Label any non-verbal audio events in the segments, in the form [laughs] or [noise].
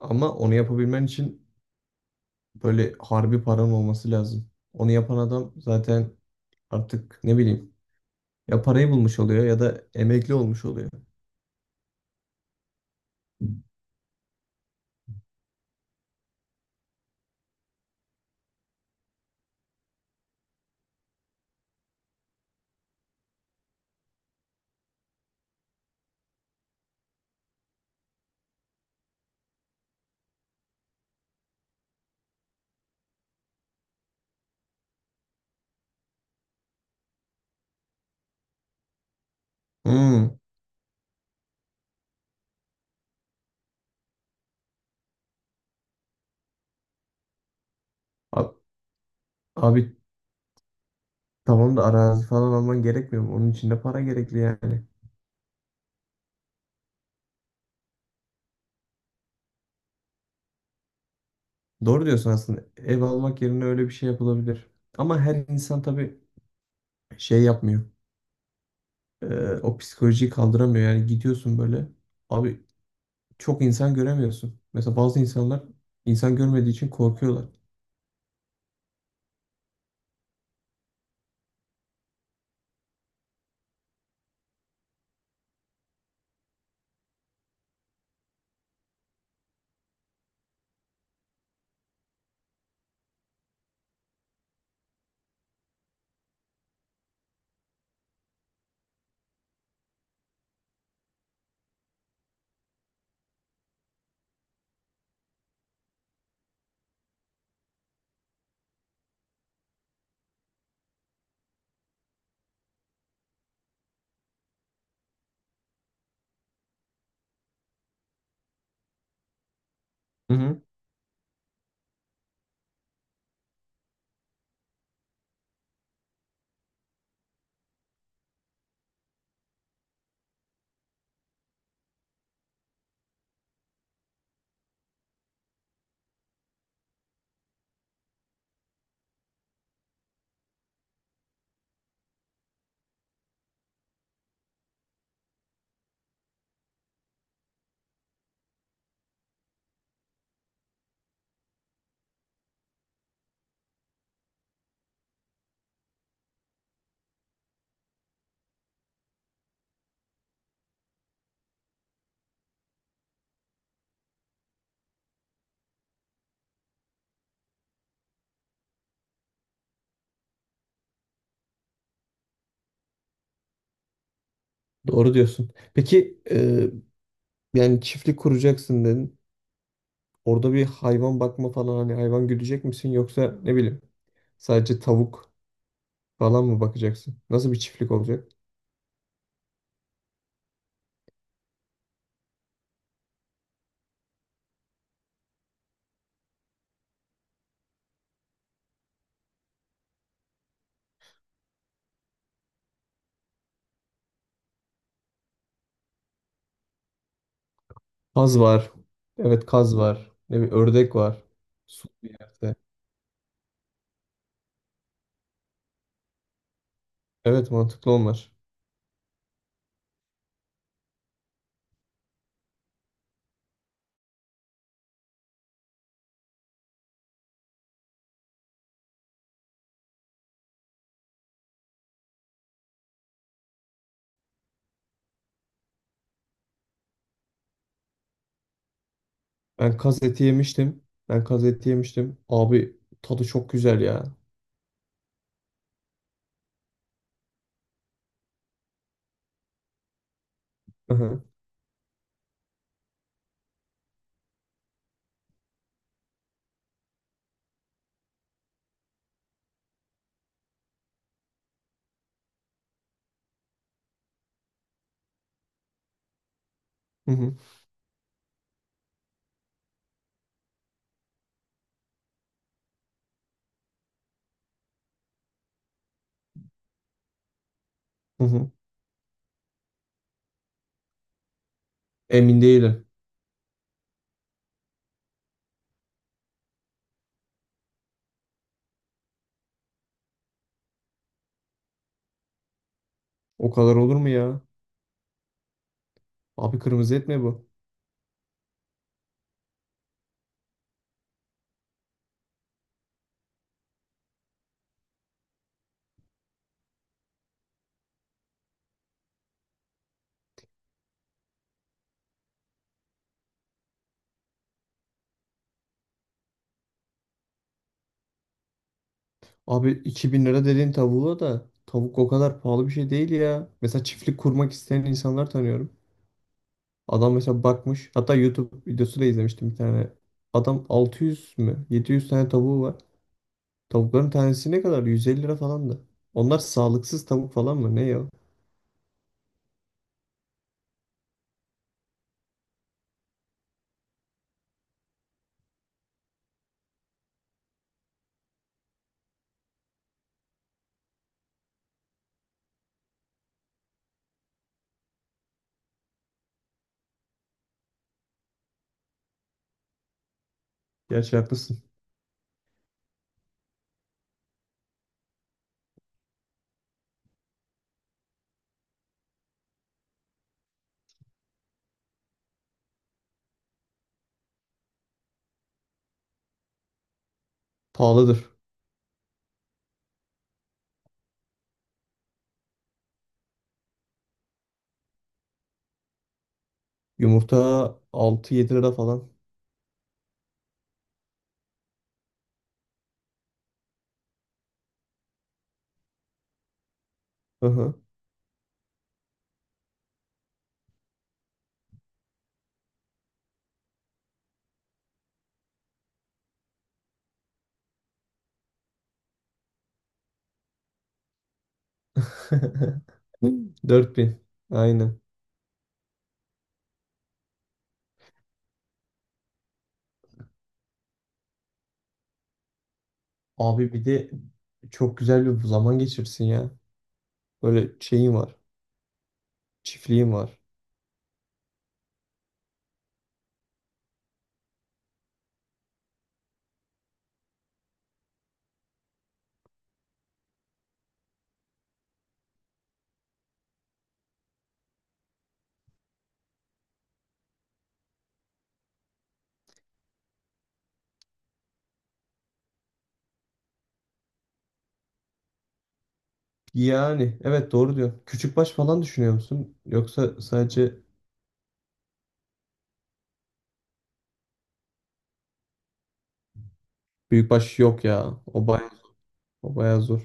Ama onu yapabilmen için böyle harbi paran olması lazım. Onu yapan adam zaten artık ne bileyim ya parayı bulmuş oluyor ya da emekli olmuş oluyor. Hmm. Abi, abi tamam da arazi falan alman gerekmiyor mu? Onun için de para gerekli yani. Doğru diyorsun aslında. Ev almak yerine öyle bir şey yapılabilir. Ama her insan tabii şey yapmıyor. Ee, o psikolojiyi kaldıramıyor. Yani gidiyorsun böyle. Abi çok insan göremiyorsun. Mesela bazı insanlar insan görmediği için korkuyorlar. Hı hı. Doğru diyorsun. Peki yani çiftlik kuracaksın dedin. Orada bir hayvan bakma falan hani hayvan güdecek misin yoksa ne bileyim sadece tavuk falan mı bakacaksın? Nasıl bir çiftlik olacak? Kaz var. Evet kaz var. Ne bileyim ördek var. Su bir yerde. Evet mantıklı onlar. Ben kaz eti yemiştim. Ben kaz eti yemiştim. Abi tadı çok güzel ya. Hı hı, hı hı, hı hı. Emin değilim. O kadar olur mu ya? Abi kırmızı et mi bu? Abi 2.000 lira dediğin tavuğa da tavuk o kadar pahalı bir şey değil ya. Mesela çiftlik kurmak isteyen insanlar tanıyorum. Adam mesela bakmış. Hatta YouTube videosu da izlemiştim bir tane. Adam 600 mü? 700 tane tavuğu var. Tavukların tanesi ne kadar? 150 lira falan da. Onlar sağlıksız tavuk falan mı? Ne ya? Gerçi haklısın. Pahalıdır. Yumurta altı 7 lira falan. Hı hı. [laughs] 4.000. Aynen. Abi bir de çok güzel bir zaman geçirsin ya. Böyle şeyin var. Çiftliğin var. Yani evet doğru diyor. Küçükbaş falan düşünüyor musun? Yoksa sadece büyükbaş yok ya. O bayağı, o bayağı zor.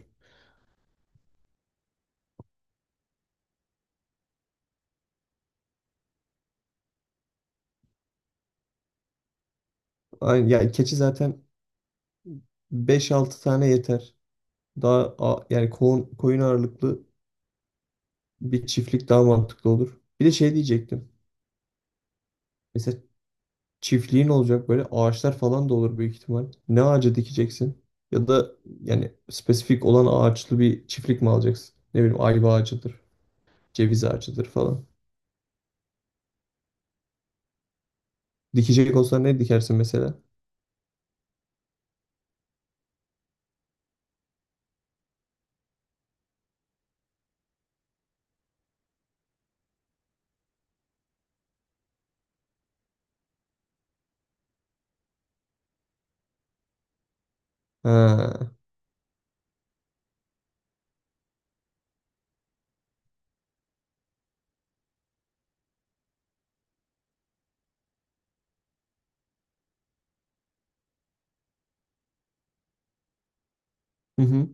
Aynen, yani keçi zaten beş altı tane yeter. Yani koyun, koyun ağırlıklı bir çiftlik daha mantıklı olur. Bir de şey diyecektim. Mesela çiftliğin olacak böyle ağaçlar falan da olur büyük ihtimal. Ne ağacı dikeceksin? Ya da yani spesifik olan ağaçlı bir çiftlik mi alacaksın? Ne bileyim ayva ağacıdır, ceviz ağacıdır falan. Dikecek olsan ne dikersin mesela? Ha. Hı hı.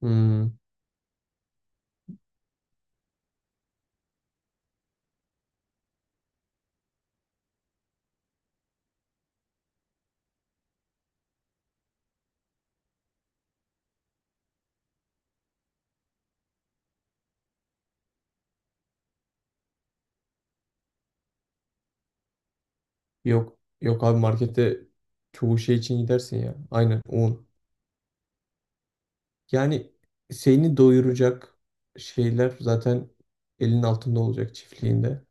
Hmm. Yok. Yok abi markette çoğu şey için gidersin ya. Aynen un. Yani seni doyuracak şeyler zaten elin altında olacak çiftliğinde.